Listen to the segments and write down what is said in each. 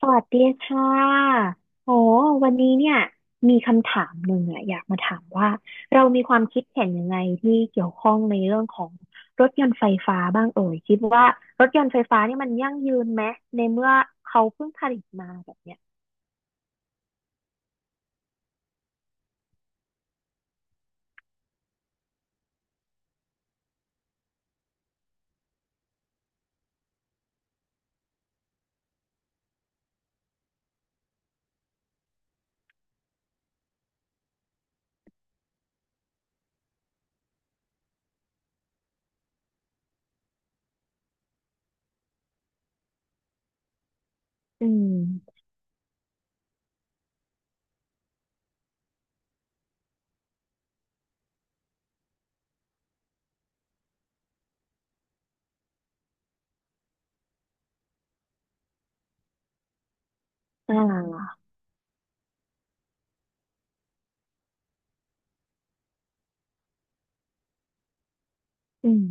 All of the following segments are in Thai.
สวัสดีค่ะโอ้วันนี้เนี่ยมีคำถามหนึ่งอะอยากมาถามว่าเรามีความคิดเห็นยังไงที่เกี่ยวข้องในเรื่องของรถยนต์ไฟฟ้าบ้างเอ่ยคิดว่ารถยนต์ไฟฟ้าเนี่ยมันยั่งยืนไหมในเมื่อเขาเพิ่งผลิตมาแบบเนี้ยอืมอ่าอืม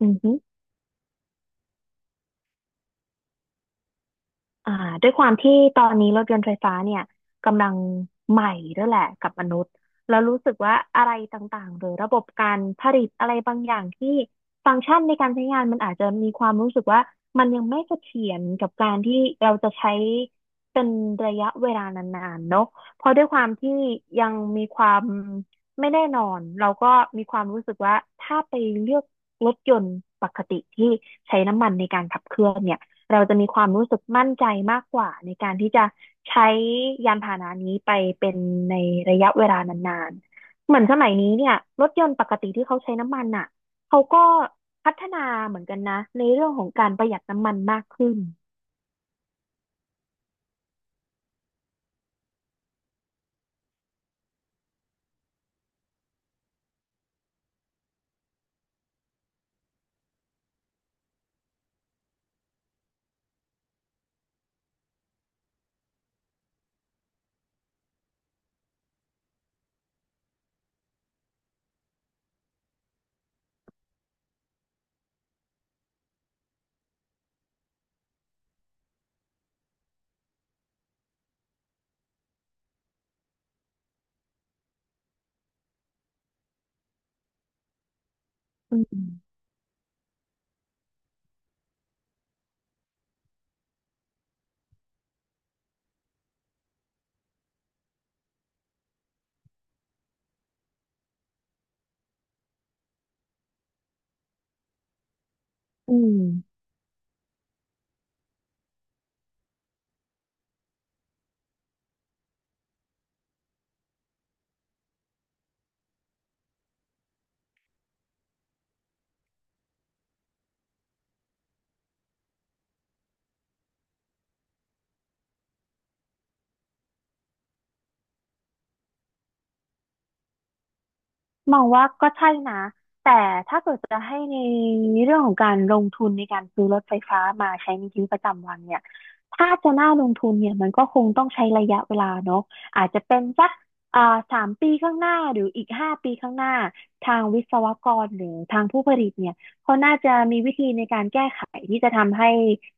อืม อ่าด้วยความที่ตอนนี้รถยนต์ไฟฟ้าเนี่ยกำลังใหม่ด้วยแหละกับมนุษย์แล้วรู้สึกว่าอะไรต่างๆหรือระบบการผลิตอะไรบางอย่างที่ฟังก์ชันในการใช้งานมันอาจจะมีความรู้สึกว่ามันยังไม่เสถียรกับการที่เราจะใช้เป็นระยะเวลานานๆเนอะเพราะด้วยความที่ยังมีความไม่แน่นอนเราก็มีความรู้สึกว่าถ้าไปเลือกรถยนต์ปกติที่ใช้น้ำมันในการขับเคลื่อนเนี่ย เราจะมีความรู้สึกมั่นใจมากกว่าในการที่จะใช้ยานพาหนะนี้ไปเป็นในระยะเวลานานๆเหมือนสมัยนี้เนี่ยรถยนต์ปกติที่เขาใช้น้ำมันอ่ะเขาก็พัฒนาเหมือนกันนะในเรื่องของการประหยัดน้ำมันมากขึ้นอืมอืม มองว่าก็ใช่นะ แต่ถ้าเกิดจะให้ในเรื่องของการลงทุนในการซื้อรถไฟฟ้ามาใช้ในชีวิตประจำวันเนี่ยถ้าจะน่าลงทุนเนี่ยมันก็คงต้องใช้ระยะเวลาเนาะอาจจะเป็นสักอ่าสามปีข้างหน้าหรืออีกห้าปีข้างหน้าทางวิศวกรหรือทางผู้ผลิตเนี่ยเขาน่าจะมีวิธีในการแก้ไขที่จะทำให้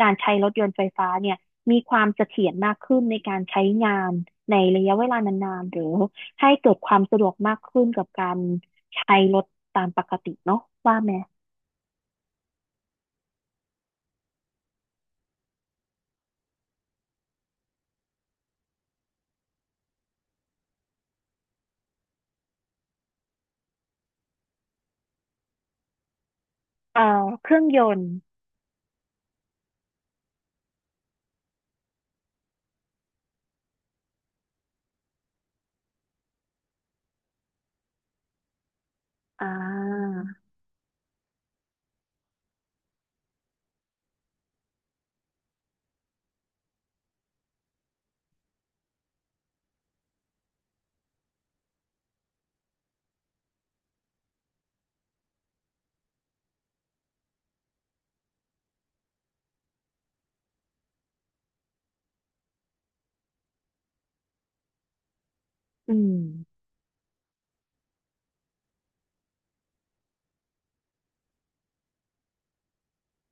การใช้รถยนต์ไฟฟ้าเนี่ยมีความเสถียรมากขึ้นในการใช้งานในระยะเวลานานๆหรือ ให้เกิดความสะดวกมากขึ้นกับการใช้รถตามปกติเนาะว่าไหมเอ่อเครื่องยนต์อ่าอืม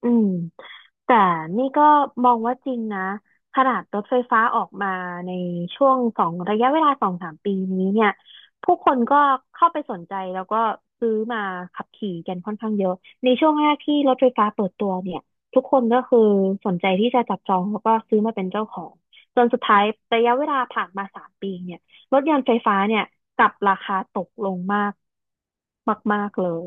อืม แต่นี่ก็มองว่าจริงนะขนาดรถไฟฟ้าออกมาในช่วงสองระยะเวลาสองสามปีนี้เนี่ยผู้คนก็เข้าไปสนใจแล้วก็ซื้อมาขับขี่กันค่อนข้างเยอะในช่วงแรกที่รถไฟฟ้าเปิดตัวเนี่ยทุกคนก็คือสนใจที่จะจับจองแล้วก็ซื้อมาเป็นเจ้าของจนสุดท้ายระยะเวลาผ่านมาสามปีเนี่ยรถยนต์ไฟฟ้าเนี่ยกลับราคาตกลงมากมากๆเลย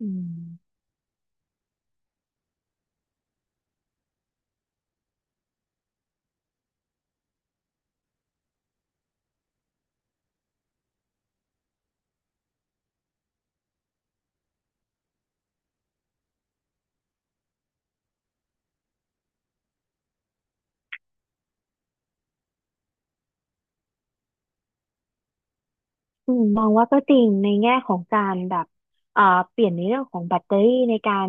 อืม อืมมองว่าก็จริงในแง่ของการแบบเอ่อเปลี่ยนในเรื่องของแบตเตอรี่ในการ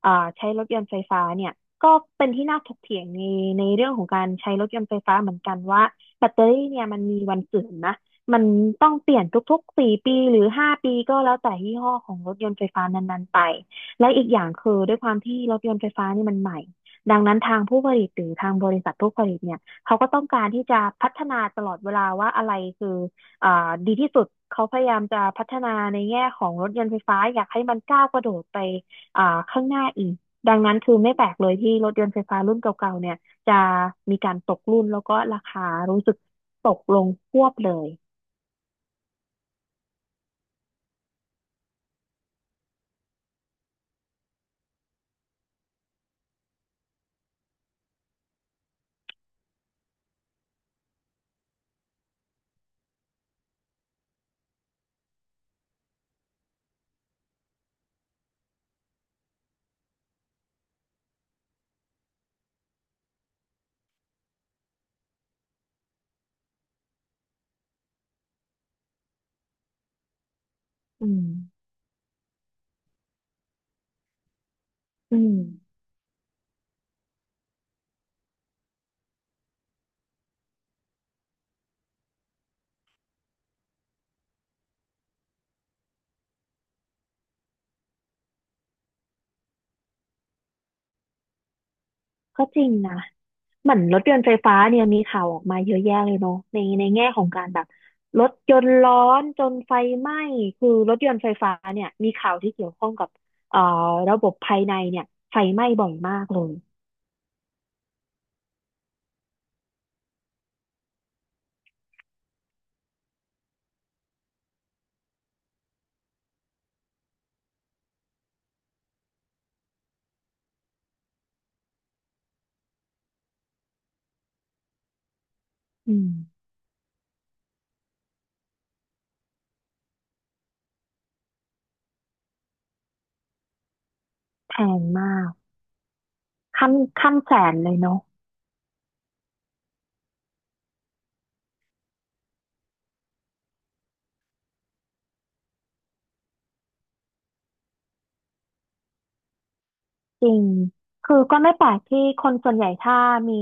เอ่อใช้รถยนต์ไฟฟ้าเนี่ยก็เป็นที่น่าถกเถียงในเรื่องของการใช้รถยนต์ไฟฟ้าเหมือนกันว่าแบตเตอรี่เนี่ยมันมีวันเสื่อมนะมันต้องเปลี่ยนทุกๆสี่ปีหรือห้าปีก็แล้วแต่ยี่ห้อของรถยนต์ไฟฟ้านั้นๆไปและอีกอย่างคือด้วยความที่รถยนต์ไฟฟ้านี่มันใหม่ดังนั้นทางผู้ผลิตหรือทางบริษัทผู้ผลิตเนี่ยเขาก็ต้องการที่จะพัฒนาตลอดเวลาว่าอะไรคือ อ่าดีที่สุดเขาพยายามจะพัฒนาในแง่ของรถยนต์ไฟฟ้าอยากให้มันก้าวกระโดดไปอ่าข้างหน้าอีกดังนั้นคือไม่แปลกเลยที่รถยนต์ไฟฟ้ารุ่นเก่าๆเนี่ยจะมีการตกรุ่นแล้วก็ราคารู้สึกตกลงควบเลยอืมอืมก็จริงนะ เหมือนรถยนต์ไฟฟ้าเนี่ยมีข่าวออกมาเยอะแยะเลยเนาะในแง่ของการแบบรถยนต์ร้อนจนไฟไหม้คือรถยนต์ไฟฟ้าเนี่ยมีข่าวที่เกี่ยวข้องกับเอ่อระบบภายในเนี่ยไฟไหม้บ่อยมากเลยอืมแพงมากขั้นขั้นแสนเลยเนาะ จริงคือก็ไม่แปลกที่คนส่วนใหญ่ถ้ามี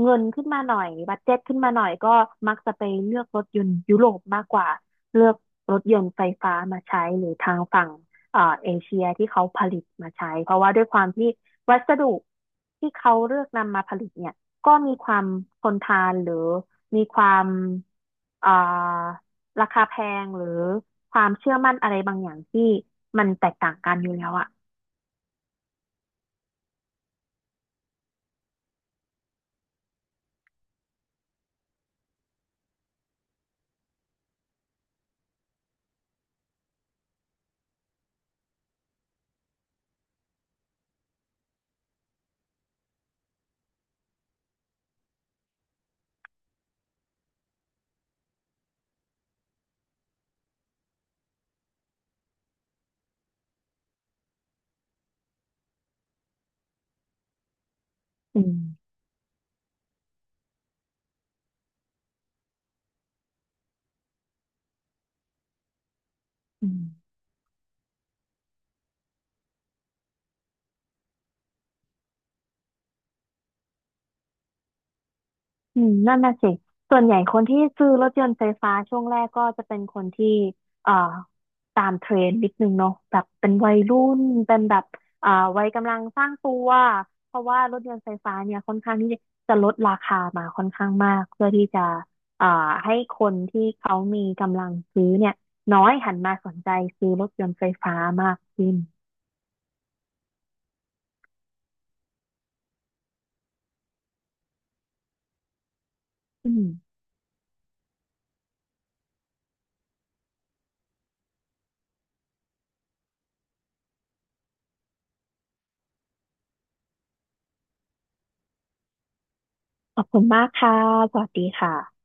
เงินขึ้นมาหน่อยบัดเจ็ตขึ้นมาหน่อยก็มักจะไปเลือกรถยนต์ยุโรปมากกว่าเลือกรถยนต์ไฟฟ้ามาใช้หรือทางฝั่งเอเชียที่เขาผลิตมาใช้เพราะว่าด้วยความที่วัสดุที่เขาเลือกนำมาผลิตเนี่ยก็มีความทนทานหรือมีความเอ่อราคาแพงหรือความเชื่อมั่นอะไรบางอย่างที่มันแตกต่างกันอยู่แล้วอะอืมอืม นั่นน่ะสิส่วนใหญ่คนที่ซื้อรถยนต์ไฟฟ้าช่วงแรกก็จะเป็นคนที่เอ่อตามเทรนด์นิดนึงเนาะแบบเป็นวัยรุ่นเป็นแบบเอ่อวัยกำลังสร้างตัวเพราะว่ารถยนต์ไฟฟ้าเนี่ยค่อนข้างที่จะลดราคามาค่อนข้างมากเพื่อที่จะเอ่อให้คนที่เขามีกำลังซื้อเนี่ยน้อยหันมาสนใจซื้อรถยนต์ไฟฟ้ามากขึ้นอืมขอบคุณมากค่ะสวัสดีค่ะ